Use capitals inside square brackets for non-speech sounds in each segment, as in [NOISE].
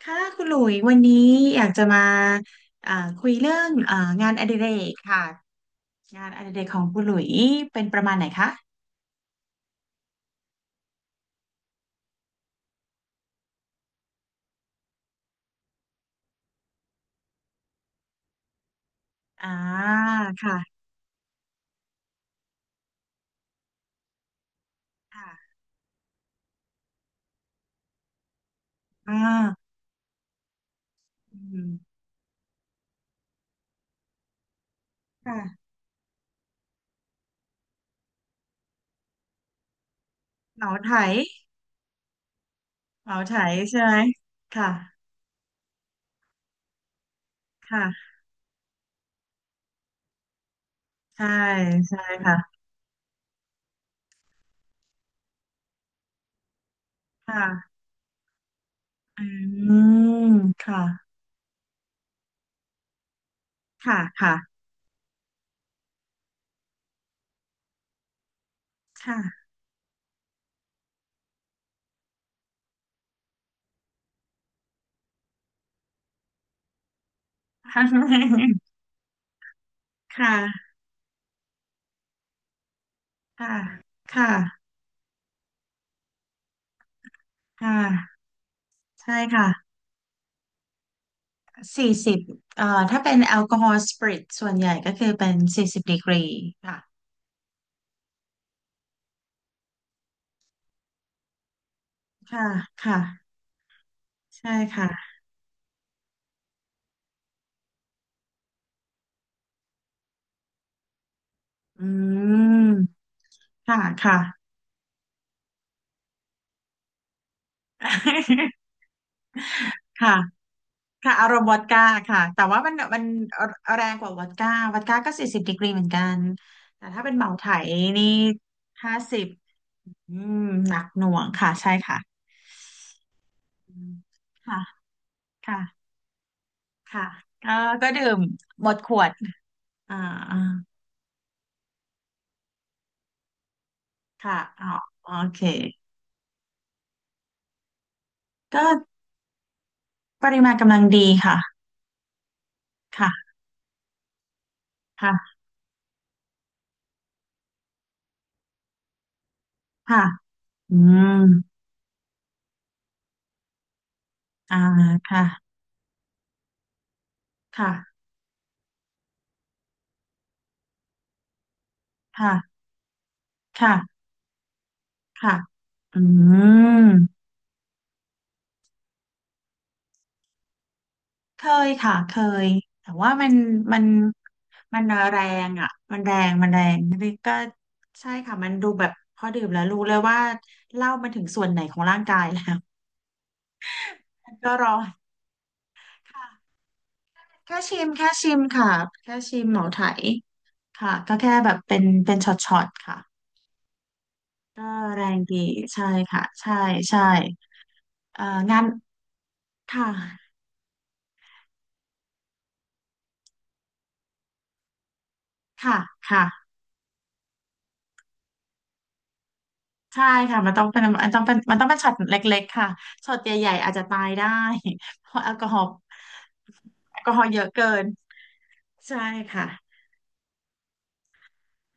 ค่ะคุณหลุยวันนี้อยากจะมาอ่าคุยเรื่องงานอดิเรกค่ะงานอดิเรกของคุณหลุยเป็นประมาณไหนคะอ่าค่ะค่ะอ่าอืมค่ะเหมาไถเหมาไถใช่ไหมค่ะค่ะใช่ใช่ค่ะค่ะอืมค่ะค่ะค่ะค่ะ [LAUGHS] ค่ะค่ะค่ะค่ะใช่ค่ะ สี่สิบถ้าเป็นแอลกอฮอล์สปริตส่วนใหญ่ก็คือเป็นสี่สิบดีกรีค่ะค่ะ ค่ะ ใช่ค่ะ อืม ค่ะ ค่ะ [LAUGHS] ค่ะค่ะอารมณ์วอดก้าค่ะ แต่ว่ามันแรงกว่าวอดก้า วอดก้าก็สี่สิบดีกรีเหมือนกัน แต่ถ้าเป็นเหมาไถนี่ห้าสิบอืมหนักหน่วงค่ะ ใช่ค่ะอืมค่ะ ค่ะ ค่ะเออก็ดื่มหมดขวด อ่าอ่าค่ะอ๋อโอเค ก็ปริมาณกำลังดีค่ะค่ะค่ะค่ะอืมอ่าค่ะค่ะค่ะค่ะค่ะอืมเคยค่ะเคยแต่ว่ามันมันแรงอ่ะมันแรงมันแรงนี่ก็ใช่ค่ะมันดูแบบพอดื่มแล้วรู้เลยว่าเหล้ามันถึงส่วนไหนของร่างกายแล้วมันก็ร้อนค่ะแค่ชิม แค่ชิมค่ะ แค่ชิมเหมาไถค่ะ ก็แค่แบบเป็นเป็นช็อตๆค่ะ ก็แรงดีใช่ค่ะใช่ใช่เอ่องานค่ะค่ะค่ะใช่ค่ะมันต้องเป็นมันต้องเป็นมันต้องเป็นช็อตเล็กๆค่ะช็อตใหญ่ๆอาจจะตายได้เพราะแอลกอฮอล์แอลกอฮอล์เยอะเกินใช่ค่ะ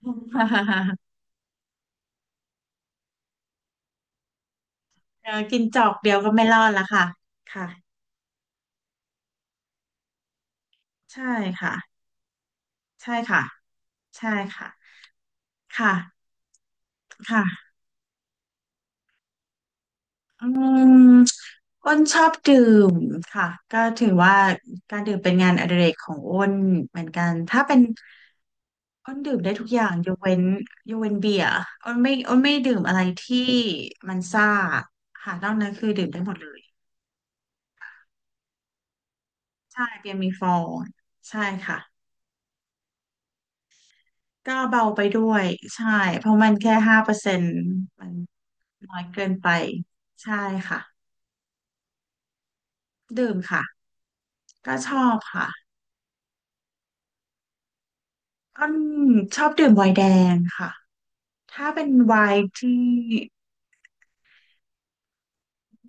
[LAUGHS] เออกินจอกเดียวก็ไม่รอดละค่ะค่ะใช่ค่ะใช่ค่ะใช่ค่ะค่ะค่ะ อืมอ้นชอบดื่มค่ะก็ถือว่าการดื่มเป็นงานอดิเรกของอ้นเหมือนกันถ้าเป็นอ้นดื่มได้ทุกอย่างยกเว้นยกเว้นเบียร์อ้นไม่ดื่มอะไรที่มันซ่าค่ะนอกนั้นคือดื่มได้หมดเลยใช่เบียร์มีฟองใช่ค่ะก็เบาไปด้วยใช่เพราะมันแค่ห้าเปอร์เซ็นต์มันน้อยเกินไปใช่ค่ะดื่มค่ะก็ชอบค่ะอ้นชอบดื่มไวน์แดงค่ะ ถ้าเป็นไวน์ที่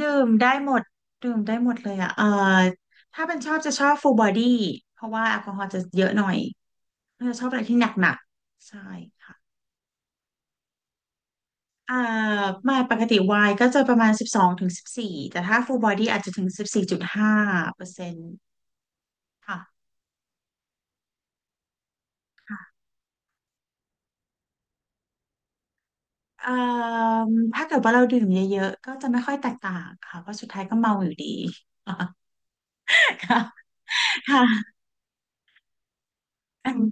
ดื่มได้หมดดื่มได้หมดเลยอ่ะถ้าเป็นชอบจะชอบฟูลบอดี้เพราะว่าแอลกอฮอล์จะเยอะหน่อยจะชอบอะไรที่หนักๆใช่ค่ะอ่าไมาปกติไวน์ก็จะประมาณสิบสองถึงสิบสี่แต่ถ้าฟูลบอดี้อาจจะถึงสิบสี่จุดห้าเปอร์เซ็นต์ค่ะค่ะเอ่มถ้าเกิดว่าเราดื่มเยอะๆก็จะไม่ค่อยแตกต่างค่ะเพราะสุดท้ายก็เมาอยู่ดี [LAUGHS] ค่ะค่ะ [LAUGHS]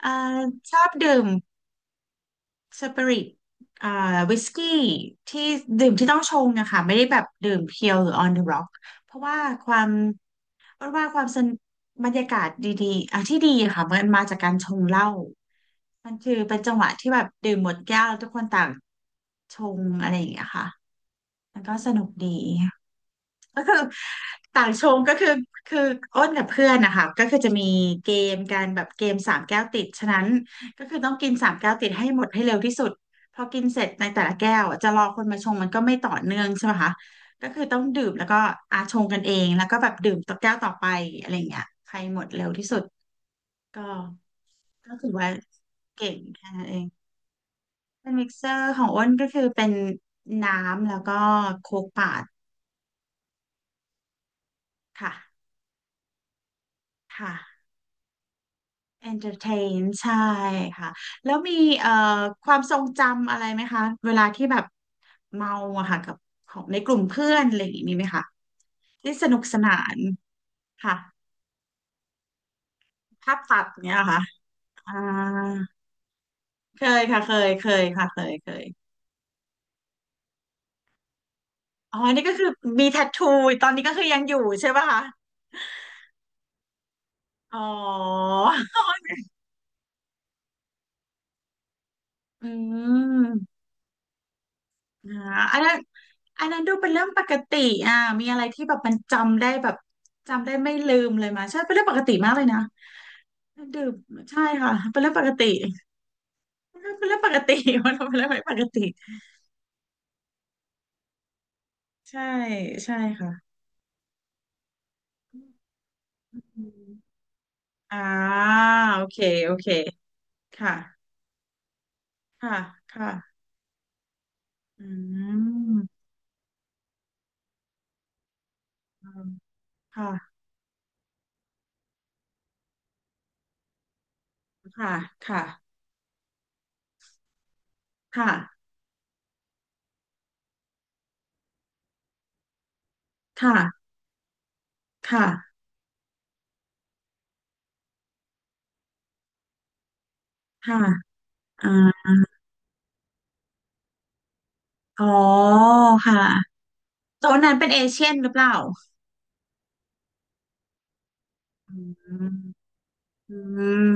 เอ่อชอบดื่ม สปิริตอ่าวิสกี้ที่ดื่มที่ต้องชงอะค่ะไม่ได้แบบดื่มเพียวหรือ on the rock เพราะว่าความเพราะว่าความสนบรรยากาศดีๆอ่ะที่ดีอะค่ะมันมาจากการชงเหล้ามันคือเป็นจังหวะที่แบบดื่มหมดแก้วลทุกคนต่างชงอะไรอย่างเงี้ยค่ะมันก็สนุกดี [LAUGHS] ก็คือต่างชงก็คือคืออ้นกับเพื่อนนะคะก็คือจะมีเกมการแบบเกมสามแก้วติดฉะนั้นก็คือต้องกินสามแก้วติดให้หมดให้เร็วที่สุดพอกินเสร็จในแต่ละแก้วจะรอคนมาชงมันก็ไม่ต่อเนื่องใช่ไหมคะก็คือต้องดื่มแล้วก็อาชงกันเองแล้วก็แบบดื่มต่อแก้วต่อไปอะไรอย่างเงี้ยใครหมดเร็วที่สุดก็ก็ถือว่าเก่งแค่นั้นเองเป็นมิกเซอร์ของอ้นก็คือเป็นน้ำแล้วก็โคกป่าดค่ะค่ะ entertain ใช่ค่ะแล้วมีเอ่อความทรงจำอะไรไหมคะเวลาที่แบบเมาอะค่ะกับของในกลุ่มเพื่อนอะไรอย่างนี้มีไหมคะที่สนุกสนานค่ะภาพตัดเนี้ยเหรอค่ะอ่าเคยค่ะเคยเคยค่ะเคยเคยอ๋ออันนี่ก็คือมีแทททูตอนนี้ก็คือยังอยู่ใช่ป่ะคะอ๋ออืม อ่าอันนั้นอันนั้นดูเป็นเรื่องปกติอ่ามีอะไรที่แบบมันจำได้แบบจำได้ไม่ลืมเลยมาใช่เป็นเรื่องปกติมากเลยนะดื่มใช่ค่ะเป็นเรื่องปกติเป็นเรื่องปกติ [LAUGHS] มันเป็นเรื่องไม่ปกติใช่ใช่ค่ะอืมอ่าโอเคโอเคค่ะค่ะค่ะอืมอืมค่ะค่ะค่ะค่ะค่ะค่ะค่ะอ่าอ๋อค่ะ โซนนั้นเป็นเอเชียนหรือเปล่าอืมอืม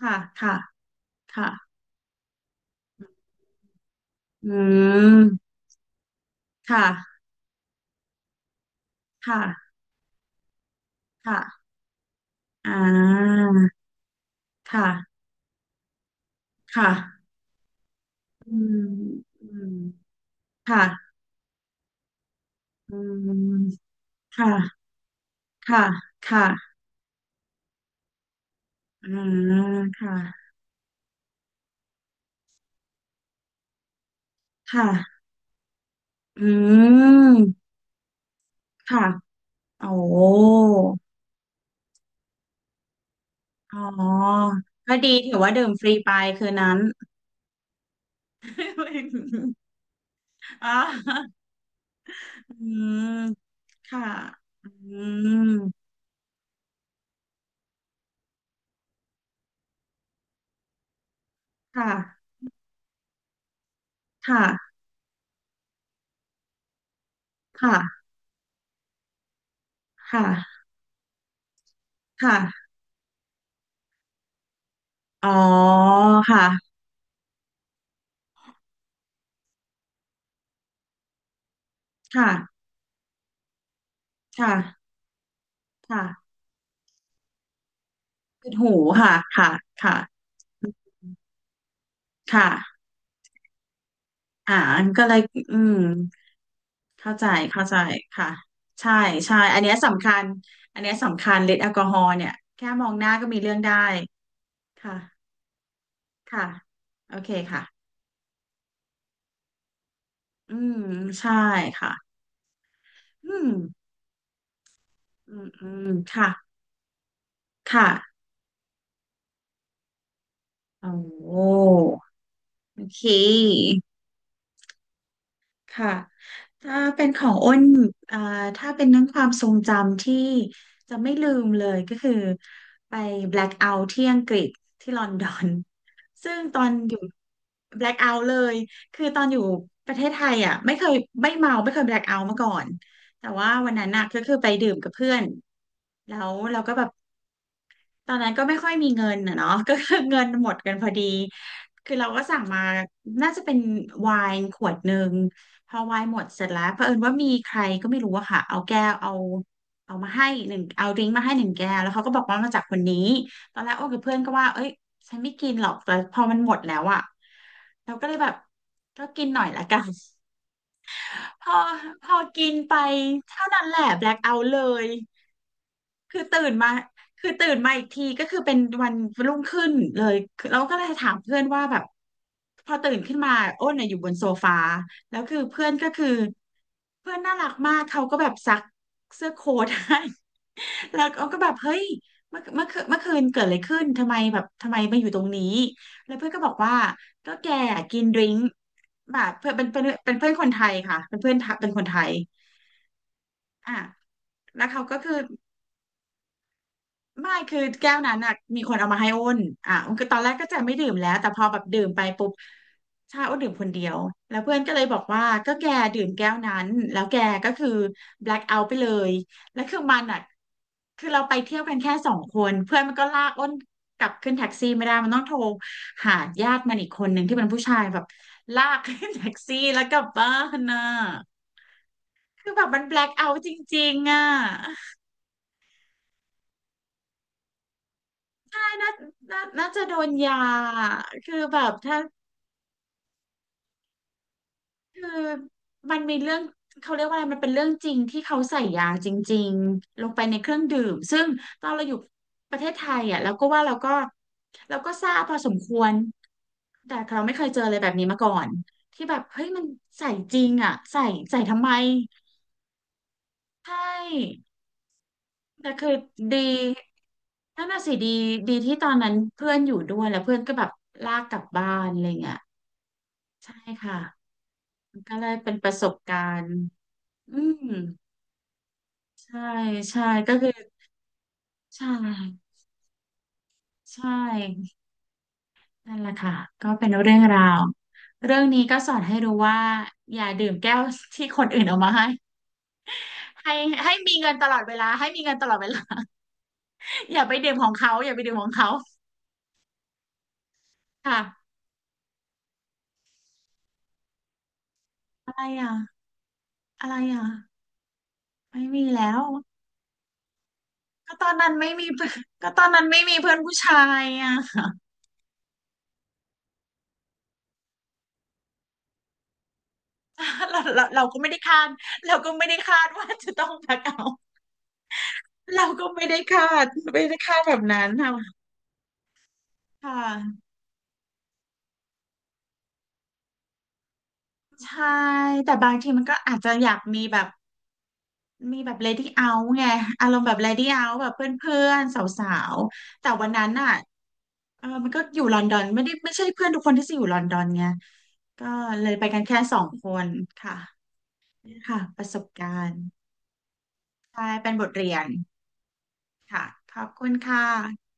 ค่ะค่ะค่ะอืมค่ะค่ะค่ะอ่าค่ะค่ะอืมอืมค่ะอืมค่ะค่ะค่ะอ่าค่ะค่ะอืมค่ะโอ้อ๋อก็ดีถือว่าดื่มฟรีไปคืนนั้น [LAUGHS] ออ อืมค่ะอืมค่ะค่ะค่ะค่ะค่ะอ๋อค่ะ ค่ะค่ะค่ะปิดหูค่ะค่ะค่ะค่ะอันก็เลยอืมเข้าใจเข้าใจค่ะใช่ใช่อันเนี้ยสำคัญฤทธิ์แอลกอฮอล์เนี่ยแค่มองหน้าก็มีเรื่องได้ค่ะค่ะโอเคค่ะอืมใช่ค่ะอืมอืมอืมค่ะค่ะ โอ้โอเคค่ะ ถ้าเป็นของอ้นอ่าถ้าเป็นเรื่องความทรงจำที่จะไม่ลืมเลยก็คือไป black out ที่อังกฤษที่ลอนดอน [LAUGHS] ซึ่งตอนอยู่ black out เลย คือตอนอยู่ประเทศไทยอ่ะไม่เคยไม่เมาไม่เคย black out มาก่อน แต่ว่าวันนั้นน่ะก็คือไปดื่มกับเพื่อนแล้วเราก็แบบ ตอนนั้นก็ไม่ค่อยมีเงินนะเนาะ [LAUGHS] ก็คือเงินหมดกันพอดีคือเราก็สั่งมาน่าจะเป็นไวน์ขวดหนึ่งพอไวน์หมดเสร็จแล้วเผอิญว่ามีใครก็ไม่รู้อะค่ะเอาแก้วเอาเอามาให้หนึ่งเอาดริงก์มาให้หนึ่งแก้วแล้วเขาก็บอกว่ามาจากคนนี้ตอนแรกโอ้กับเพื่อนก็ว่าเอ้ยฉันไม่กินหรอกแต่พอมันหมดแล้วอะเราก็เลยแบบก็กินหน่อยละกัน [LAUGHS] พอพอกินไปเท่านั้นแหละแบล็คเอาท์เลย คือตื่นมาคือตื่นมาอีกทีก็คือเป็นวันรุ่งขึ้นเลยคือเราก็เลยถามเพื่อนว่าแบบพอตื่นขึ้นมาอ้นน่ะอยู่บนโซฟาแล้วคือเพื่อนก็คือเพื่อนน่ารักมากเขาก็แบบซักเสื้อโค้ทให้ [LAUGHS] แล้วเขาก็แบบเฮ้ยเมื่อคืนเกิดอะไรขึ้นทำไมแบบทำไมมาอยู่ตรงนี้แล้วเพื่อนก็บอกว่าก็แกกินดริงก์แบบเพื่อนเป็นเพื่อนคนไทยค่ะเป็นเพื่อนเป็นคนไทยอ่ะแล้วเขาก็คือ ไม่คือแก้วนั้นน่ะมีคนเอามาให้อ้นอ่ะอ้นก็ตอนแรกก็จะไม่ดื่มแล้วแต่พอแบบดื่มไปปุ๊บใช่อ้นดื่มคนเดียวแล้วเพื่อนก็เลยบอกว่าก็แกดื่มแก้วนั้นแล้วแกก็คือ black out ไปเลยแล้วคือมันอ่ะคือเราไปเที่ยวกันแค่สองคนเพื่อนมันก็ลากอ้นกลับขึ้นแท็กซี่ไม่ได้มันต้องโทรหาญาติมันอีกคนหนึ่งที่เป็นผู้ชายแบบลากขึ้นแท็กซี่แล้วกลับบ้านน่ะคือแบบมันแบล็คเอาจริงๆอ่ะ น่าน่าจะโดนยาคือแบบถ้าคือมันมีเรื่องเขาเรียกว่าอะไรมันเป็นเรื่องจริงที่เขาใส่ยาจริงๆลงไปในเครื่องดื่มซึ่งตอนเราอยู่ประเทศไทยอ่ะเราก็ทราบพอสมควรแต่เราไม่เคยเจออะไรแบบนี้มาก่อนที่แบบเฮ้ยมันใส่จริงอ่ะใส่ใส่ทำไมใช่แต่คือดีนั่นน่ะสิดีที่ตอนนั้นเพื่อนอยู่ด้วยแล้วเพื่อนก็แบบลากกลับบ้านอะไรเงี้ยใช่ค่ะ ก็ไลยเป็นประสบการณ์อืมใช่ใช่ก็คือใช่ใช่ นั่นแหละค่ะก็เป็นเรื่องราวเรื่องนี้ก็สอนให้รู้ว่าอย่าดื่มแก้วที่คนอื่นเอามาให้ให้ให้มีเงินตลอดเวลาให้มีเงินตลอดเวลา [LAUGHS] อย่าไปดื่มของเขาอย่าไปดื่มของเขาค่ะอะไรอ่ะอะไรอ่ะไม่มีแล้ว ก็ตอนนั้นไม่มีเพื่อนก็ตอนนั้นไม่มีเพื่อนผู้ชายอ่ะ [LAUGHS] เราก็ไม่ได้คาดเราก็ไม่ได้คาดว่าจะต้องแบกเอา เราก็ไม่ได้คาดไม่ได้คาดแบบนั้นค่ะค่ะใช่แต่บางทีมันก็อาจจะอยากมีแบบมีแบบ lady out ไงอารมณ์แบบ lady out แบบเพื่อนๆสาวๆแต่วันนั้นอ่ะเออมันก็อยู่ลอนดอนไม่ได้ไม่ใช่เพื่อนทุกคนที่จะอยู่ลอนดอนไงก็เลยไปกันแค่สองคนค่ะนี่ค่ะประสบการณ์ใช่เป็นบทเรียนค่ะขอบคุณค่ะ